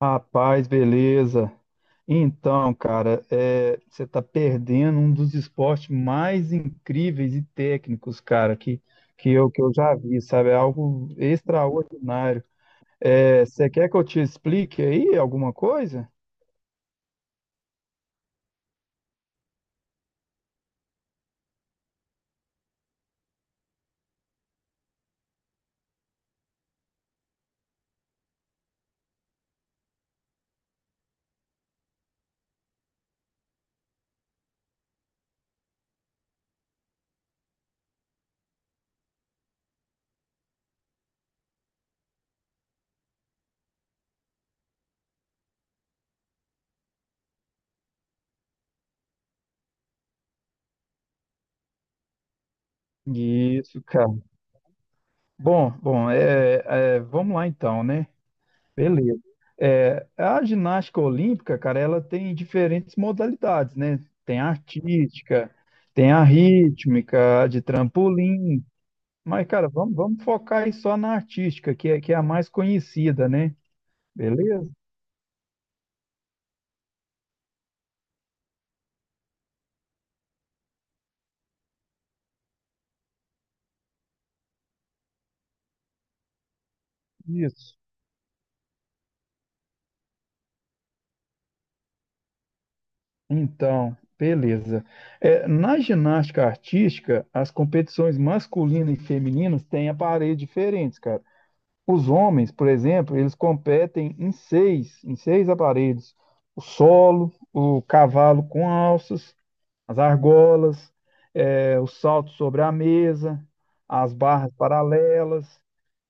Rapaz, beleza. Então, cara, você tá perdendo um dos esportes mais incríveis e técnicos, cara, que eu já vi, sabe? É algo extraordinário. Você quer que eu te explique aí alguma coisa? Isso, cara. Vamos lá então, né? Beleza. É, a ginástica olímpica, cara, ela tem diferentes modalidades, né? Tem a artística, tem a rítmica, a de trampolim. Mas, cara, vamos focar aí só na artística, que é a mais conhecida, né? Beleza? Isso. Então, beleza. É, na ginástica artística, as competições masculinas e femininas têm aparelhos diferentes, cara. Os homens, por exemplo, eles competem em seis aparelhos: o solo, o cavalo com alças, as argolas, o salto sobre a mesa, as barras paralelas,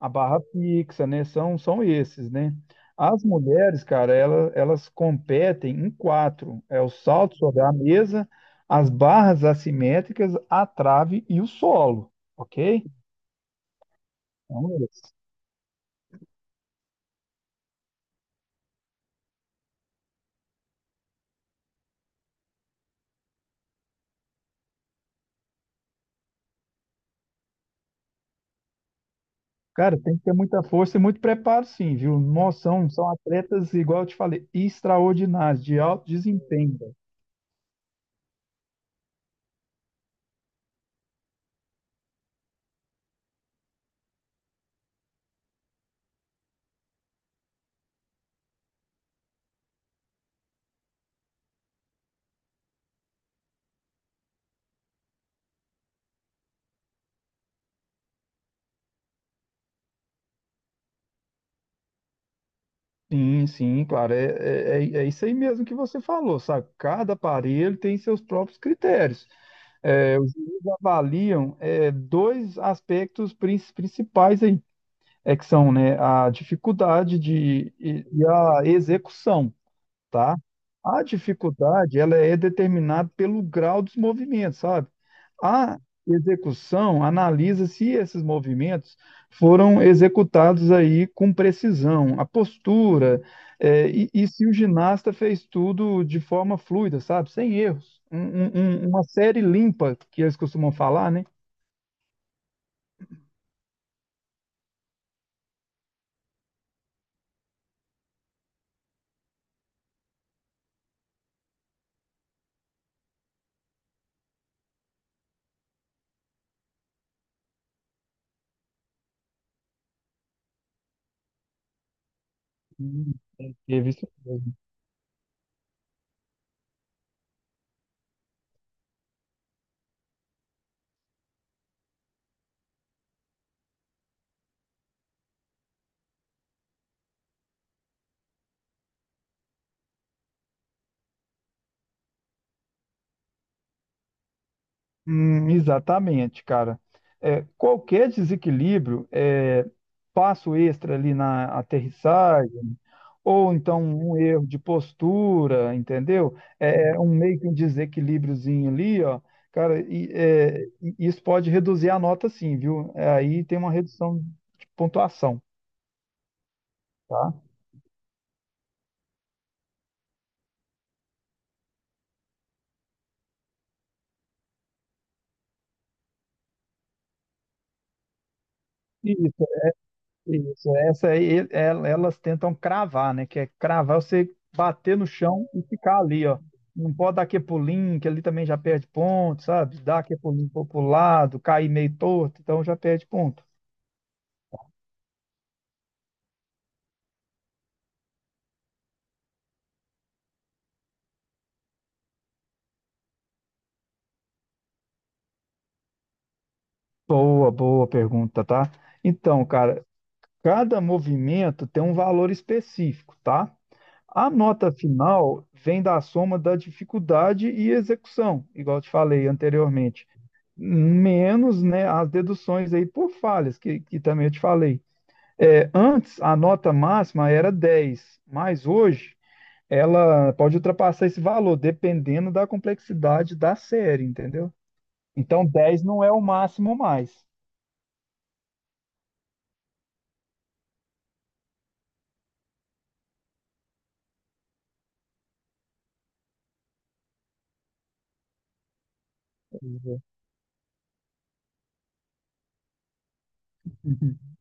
a barra fixa, né? São esses, né? As mulheres, cara, elas competem em quatro: é o salto sobre a mesa, as barras assimétricas, a trave e o solo, ok? Então, cara, tem que ter muita força e muito preparo, sim, viu? Nossa, são atletas, igual eu te falei, extraordinários, de alto desempenho, velho. Sim, sim, claro. É isso aí mesmo que você falou, sabe? Cada aparelho tem seus próprios critérios. É, os juízes avaliam, é, dois aspectos principais aí, é que são, né, a dificuldade e a execução, tá? A dificuldade, ela é determinada pelo grau dos movimentos, sabe? A execução analisa se esses movimentos foram executados aí com precisão, a postura, e se o ginasta fez tudo de forma fluida, sabe? Sem erros. Uma série limpa, que eles costumam falar, né? Hum, teve isso. Exatamente, cara. É, qualquer desequilíbrio, é, passo extra ali na aterrissagem, ou então um erro de postura, entendeu? É um meio que um desequilíbriozinho ali, ó, cara, e isso pode reduzir a nota, sim, viu? É, aí tem uma redução de pontuação, tá? Isso, essa aí, elas tentam cravar, né? Que é cravar, você bater no chão e ficar ali, ó. Não pode dar aquele pulinho, que ali também já perde ponto, sabe? Dar aquele pulinho pro lado, cair meio torto, então já perde ponto. Boa, boa pergunta, tá? Então, cara, cada movimento tem um valor específico, tá? A nota final vem da soma da dificuldade e execução, igual eu te falei anteriormente, menos, né, as deduções aí por falhas, que também eu te falei. É, antes, a nota máxima era 10, mas hoje ela pode ultrapassar esse valor, dependendo da complexidade da série, entendeu? Então, 10 não é o máximo mais. Pois é.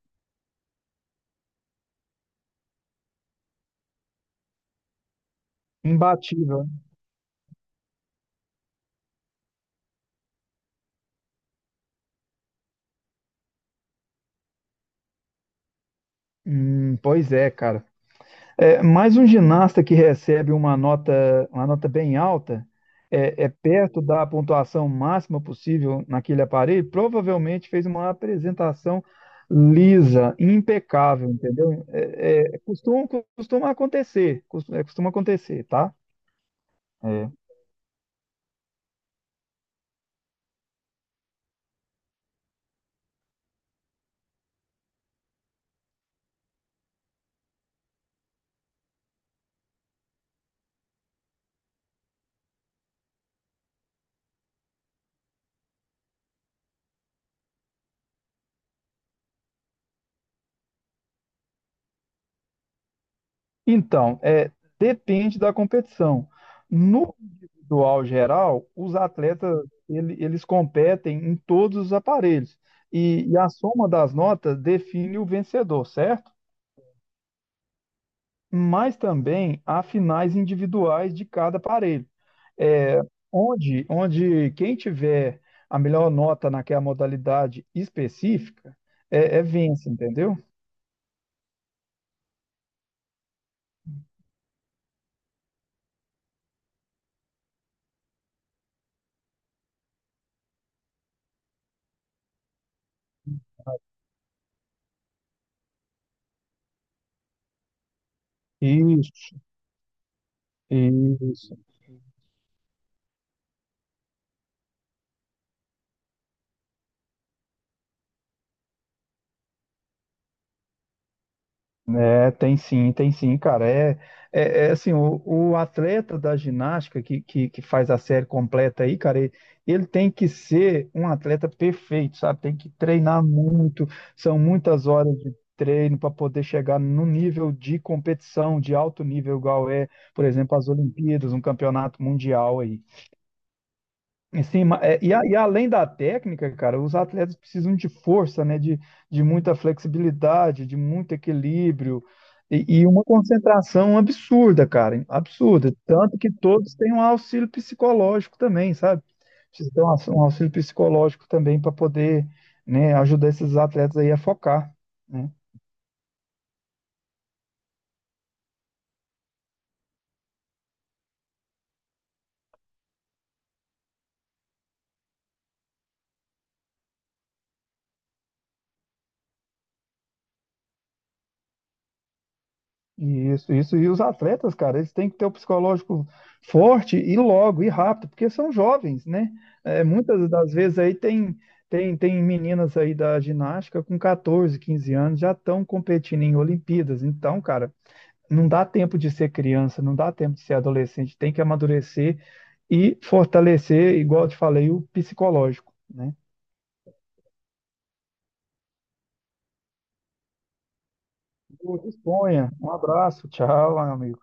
Imbatível, né? Pois é, cara. É, mais um ginasta que recebe uma nota bem alta, é, é perto da pontuação máxima possível naquele aparelho, provavelmente fez uma apresentação lisa, impecável, entendeu? Costuma, costuma acontecer, costuma acontecer, tá? É. Então, é, depende da competição. No individual geral, os atletas eles competem em todos os aparelhos e a soma das notas define o vencedor, certo? Mas também há finais individuais de cada aparelho, é, onde quem tiver a melhor nota naquela modalidade específica é vence, entendeu? Isso, isso. É, tem sim, cara. É assim, o atleta da ginástica que faz a série completa aí, cara, ele tem que ser um atleta perfeito, sabe? Tem que treinar muito, são muitas horas de treino para poder chegar no nível de competição, de alto nível, igual é, por exemplo, as Olimpíadas, um campeonato mundial aí. Em cima, e além da técnica, cara, os atletas precisam de força, né? De muita flexibilidade, de muito equilíbrio e uma concentração absurda, cara, absurda. Tanto que todos têm um auxílio psicológico também, sabe? Precisa ter um um auxílio psicológico também para poder, né, ajudar esses atletas aí a focar, né? Isso, isso. E os atletas, cara, eles têm que ter o psicológico forte e logo, e rápido, porque são jovens, né? É, muitas das vezes aí tem meninas aí da ginástica com 14, 15 anos, já estão competindo em Olimpíadas. Então, cara, não dá tempo de ser criança, não dá tempo de ser adolescente, tem que amadurecer e fortalecer, igual eu te falei, o psicológico, né? Disponha. Um abraço, tchau, amigo.